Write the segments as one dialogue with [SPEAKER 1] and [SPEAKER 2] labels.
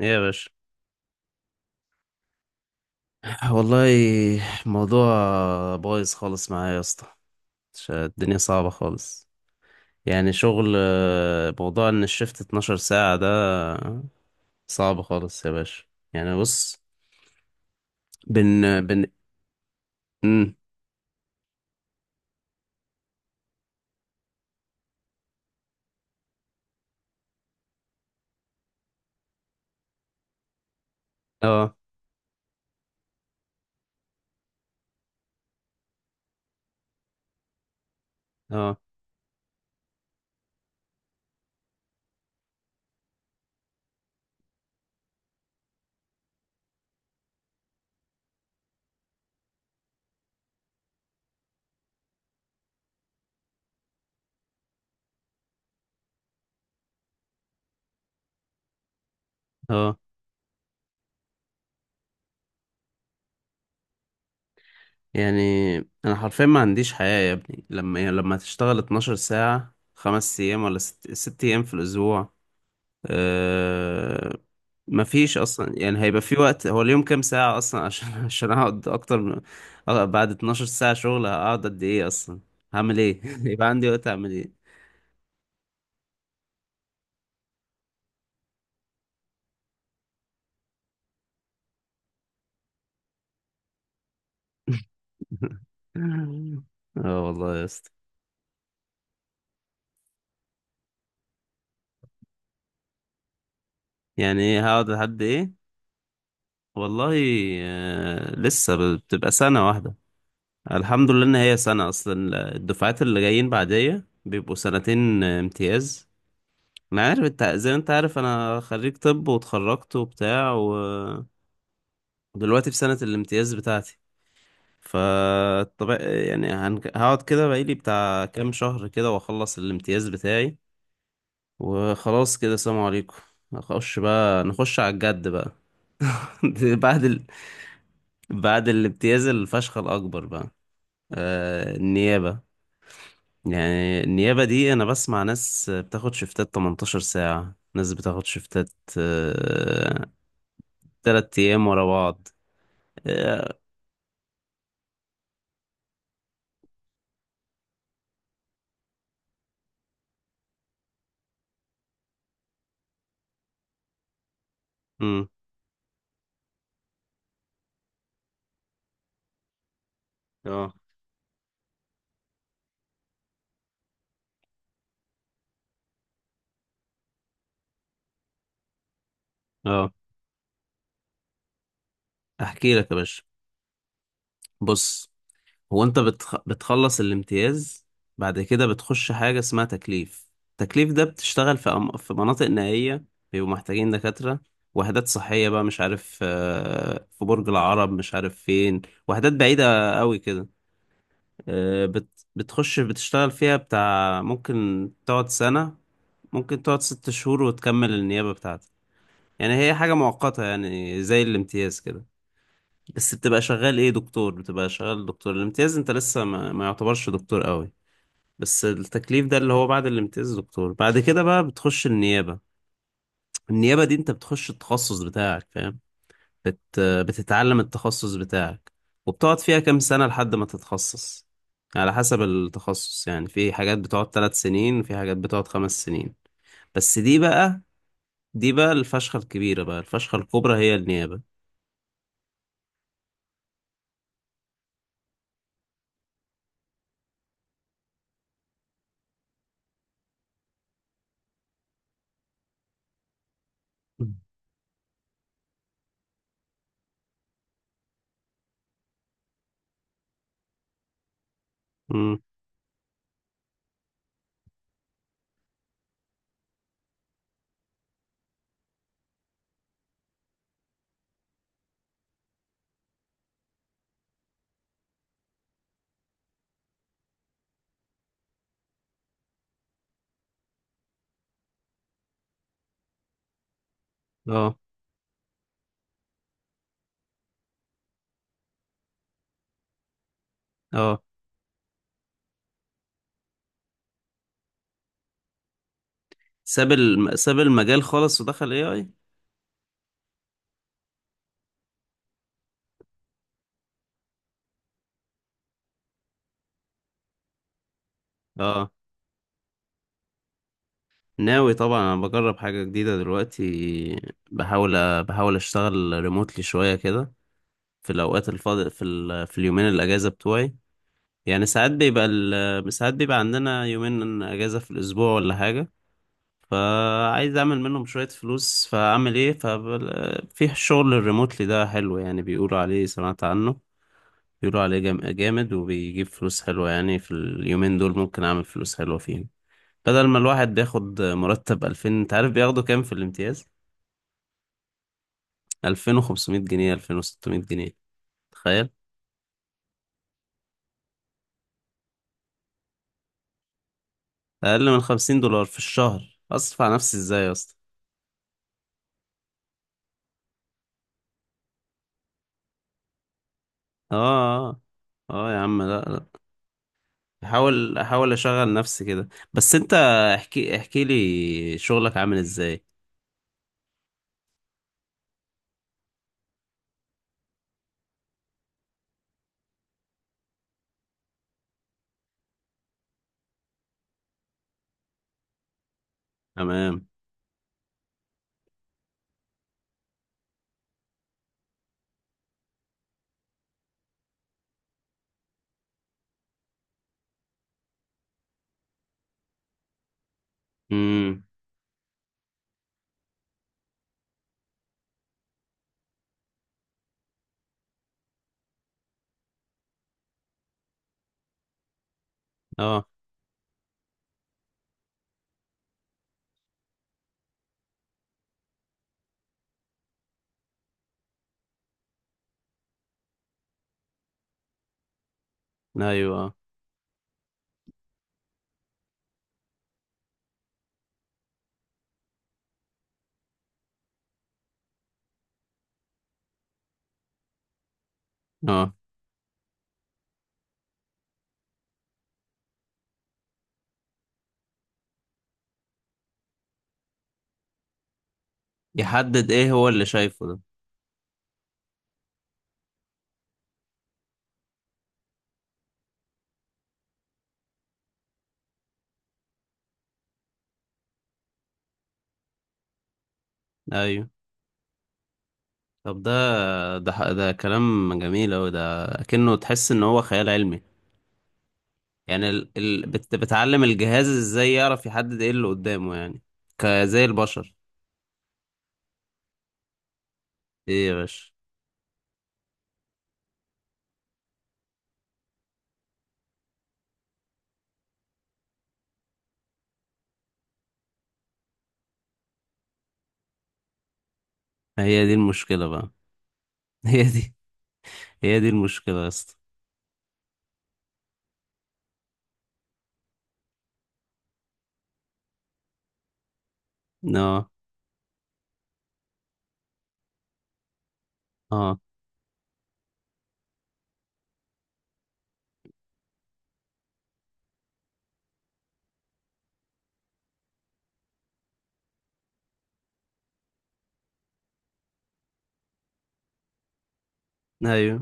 [SPEAKER 1] ايه يا باشا. والله الموضوع بايظ خالص معايا يا اسطى. الدنيا صعبة خالص. يعني شغل، موضوع ان الشفت 12 ساعة ده صعب خالص يا باشا. يعني بص. بن بن مم. اه. اه. اه. يعني انا حرفيا ما عنديش حياة يا ابني، يعني لما تشتغل 12 ساعة 5 ايام ولا ست ايام في الاسبوع. آه، مفيش اصلا، يعني هيبقى في وقت؟ هو اليوم كام ساعة اصلا عشان عشان اقعد اكتر من… بعد 12 ساعة شغل هقعد قد ايه اصلا؟ هعمل ايه؟ يبقى عندي وقت اعمل ايه؟ اه والله يا اسطى. يعني ايه هقعد لحد ايه؟ والله، لسه بتبقى سنة واحدة. الحمد لله ان هي سنة، اصلا الدفعات اللي جايين بعدية بيبقوا سنتين امتياز. ما عارف، انت زي ما انت عارف انا خريج طب واتخرجت وبتاع و… دلوقتي في سنة الامتياز بتاعتي. فطبعا يعني هقعد كده بقالي بتاع كام شهر كده واخلص الامتياز بتاعي، وخلاص كده سلام عليكم. نخش بقى، نخش على الجد بقى. بعد ال... بعد الامتياز الفشخ الأكبر بقى. النيابة. يعني النيابة دي أنا بسمع ناس بتاخد شفتات 18 ساعة، ناس بتاخد شفتات آه... تلات أيام ورا بعض. اه. مم. اه. آه. احكي لك يا باشا. بص، هو انت بتخلص الامتياز، بعد كده بتخش حاجة اسمها تكليف. التكليف ده بتشتغل في مناطق نائية، بيبقوا محتاجين دكاترة. وحدات صحية بقى، مش عارف في برج العرب مش عارف فين، وحدات بعيدة قوي كده. بتخش بتشتغل فيها بتاع، ممكن تقعد سنة، ممكن تقعد 6 شهور وتكمل النيابة بتاعتك. يعني هي حاجة مؤقتة، يعني زي الامتياز كده، بس بتبقى شغال ايه؟ دكتور. بتبقى شغال دكتور الامتياز، انت لسه ما يعتبرش دكتور قوي. بس التكليف ده اللي هو بعد الامتياز يا دكتور، بعد كده بقى بتخش النيابة. النيابة دي انت بتخش التخصص بتاعك، فاهم؟ بت... بتتعلم التخصص بتاعك، وبتقعد فيها كام سنة لحد ما تتخصص. على حسب التخصص، يعني في حاجات بتقعد 3 سنين، في حاجات بتقعد 5 سنين. بس دي بقى، الفشخة الكبيرة بقى، الفشخة الكبرى، هي النيابة. امم. اه. اه. ساب المجال خالص ودخل اي اي. اه، ناوي طبعا، انا بجرب حاجة جديدة دلوقتي. بحاول اشتغل ريموتلي شوية كده، في الاوقات الفاضي في اليومين الاجازة بتوعي. يعني ساعات ساعات بيبقى عندنا يومين اجازة في الاسبوع ولا حاجة، فعايز اعمل منهم شوية فلوس، فاعمل ايه؟ في الشغل الريموتلي ده حلو، يعني بيقولوا عليه، سمعت عنه. بيقولوا عليه جامد وبيجيب فلوس حلوة، يعني في اليومين دول ممكن اعمل فلوس حلوة فيهم. بدل ما الواحد بياخد مرتب 2000، انت عارف بياخدوا كام في الامتياز؟ 2500 جنيه، 2600 جنيه، تخيل. اقل من 50 دولار في الشهر، اصرف على نفسي ازاي يا اسطى؟ اه. اه. اه يا عم، لا لا. احاول اشغل نفسي كده. بس انت، احكي لي شغلك عامل ازاي. تمام. امم. اه. ايوه. اه. اه. يحدد ايه هو اللي شايفه ده. ايوه. طب ده كلام جميل اوي، ده كأنه تحس ان هو خيال علمي. يعني بتعلم الجهاز ازاي يعرف يحدد ايه اللي قدامه يعني، كزي البشر. ايه يا باشا، هي دي المشكلة بقى. هي دي هي دي المشكلة يا اسطى. اه. اه. ايوه.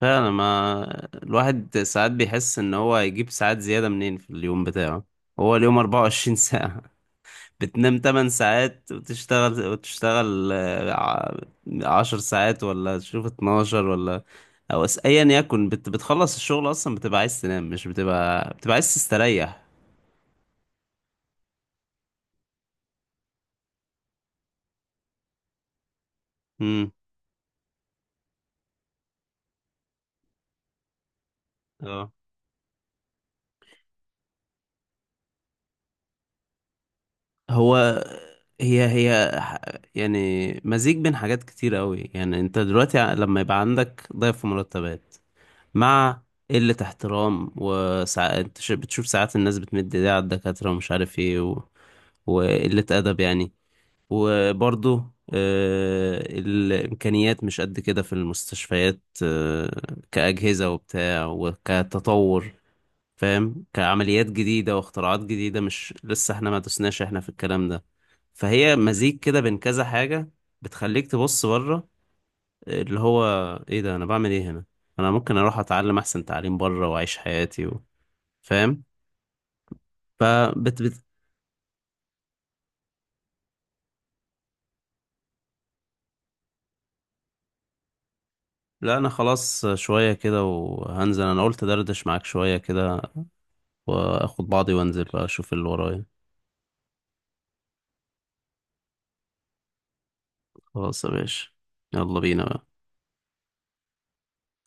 [SPEAKER 1] فعلا، ما الواحد ساعات بيحس ان هو هيجيب ساعات زيادة منين في اليوم بتاعه. هو اليوم 24 ساعة، بتنام 8 ساعات وتشتغل وتشتغل، 10 ساعات ولا تشوف 12 ولا… او ايا يكن، بتخلص الشغل اصلا بتبقى عايز تنام، مش بتبقى عايز تستريح. امم. اه. هو هي هي ح- يعني مزيج بين حاجات كتير قوي. يعني انت دلوقتي لما يبقى عندك ضعف مرتبات مع قلة احترام، وساعات بتشوف ساعات الناس بتمد ايديها على الدكاترة، ومش عارف ايه و… وقلة أدب يعني. وبرضه الإمكانيات مش قد كده في المستشفيات، كأجهزة وبتاع وكتطور، فاهم؟ كعمليات جديدة واختراعات جديدة، مش لسه احنا ما دوسناش احنا في الكلام ده. فهي مزيج كده بين كذا حاجة، بتخليك تبص بره، اللي هو ايه ده؟ انا بعمل ايه هنا؟ انا ممكن اروح اتعلم احسن تعليم بره واعيش حياتي و… فاهم. فبت بت... لا انا خلاص، شوية كده وهنزل. انا قلت دردش معاك شوية كده، واخد بعضي وانزل بقى اشوف اللي ورايا. خلاص يا باشا، يلا بينا بقى.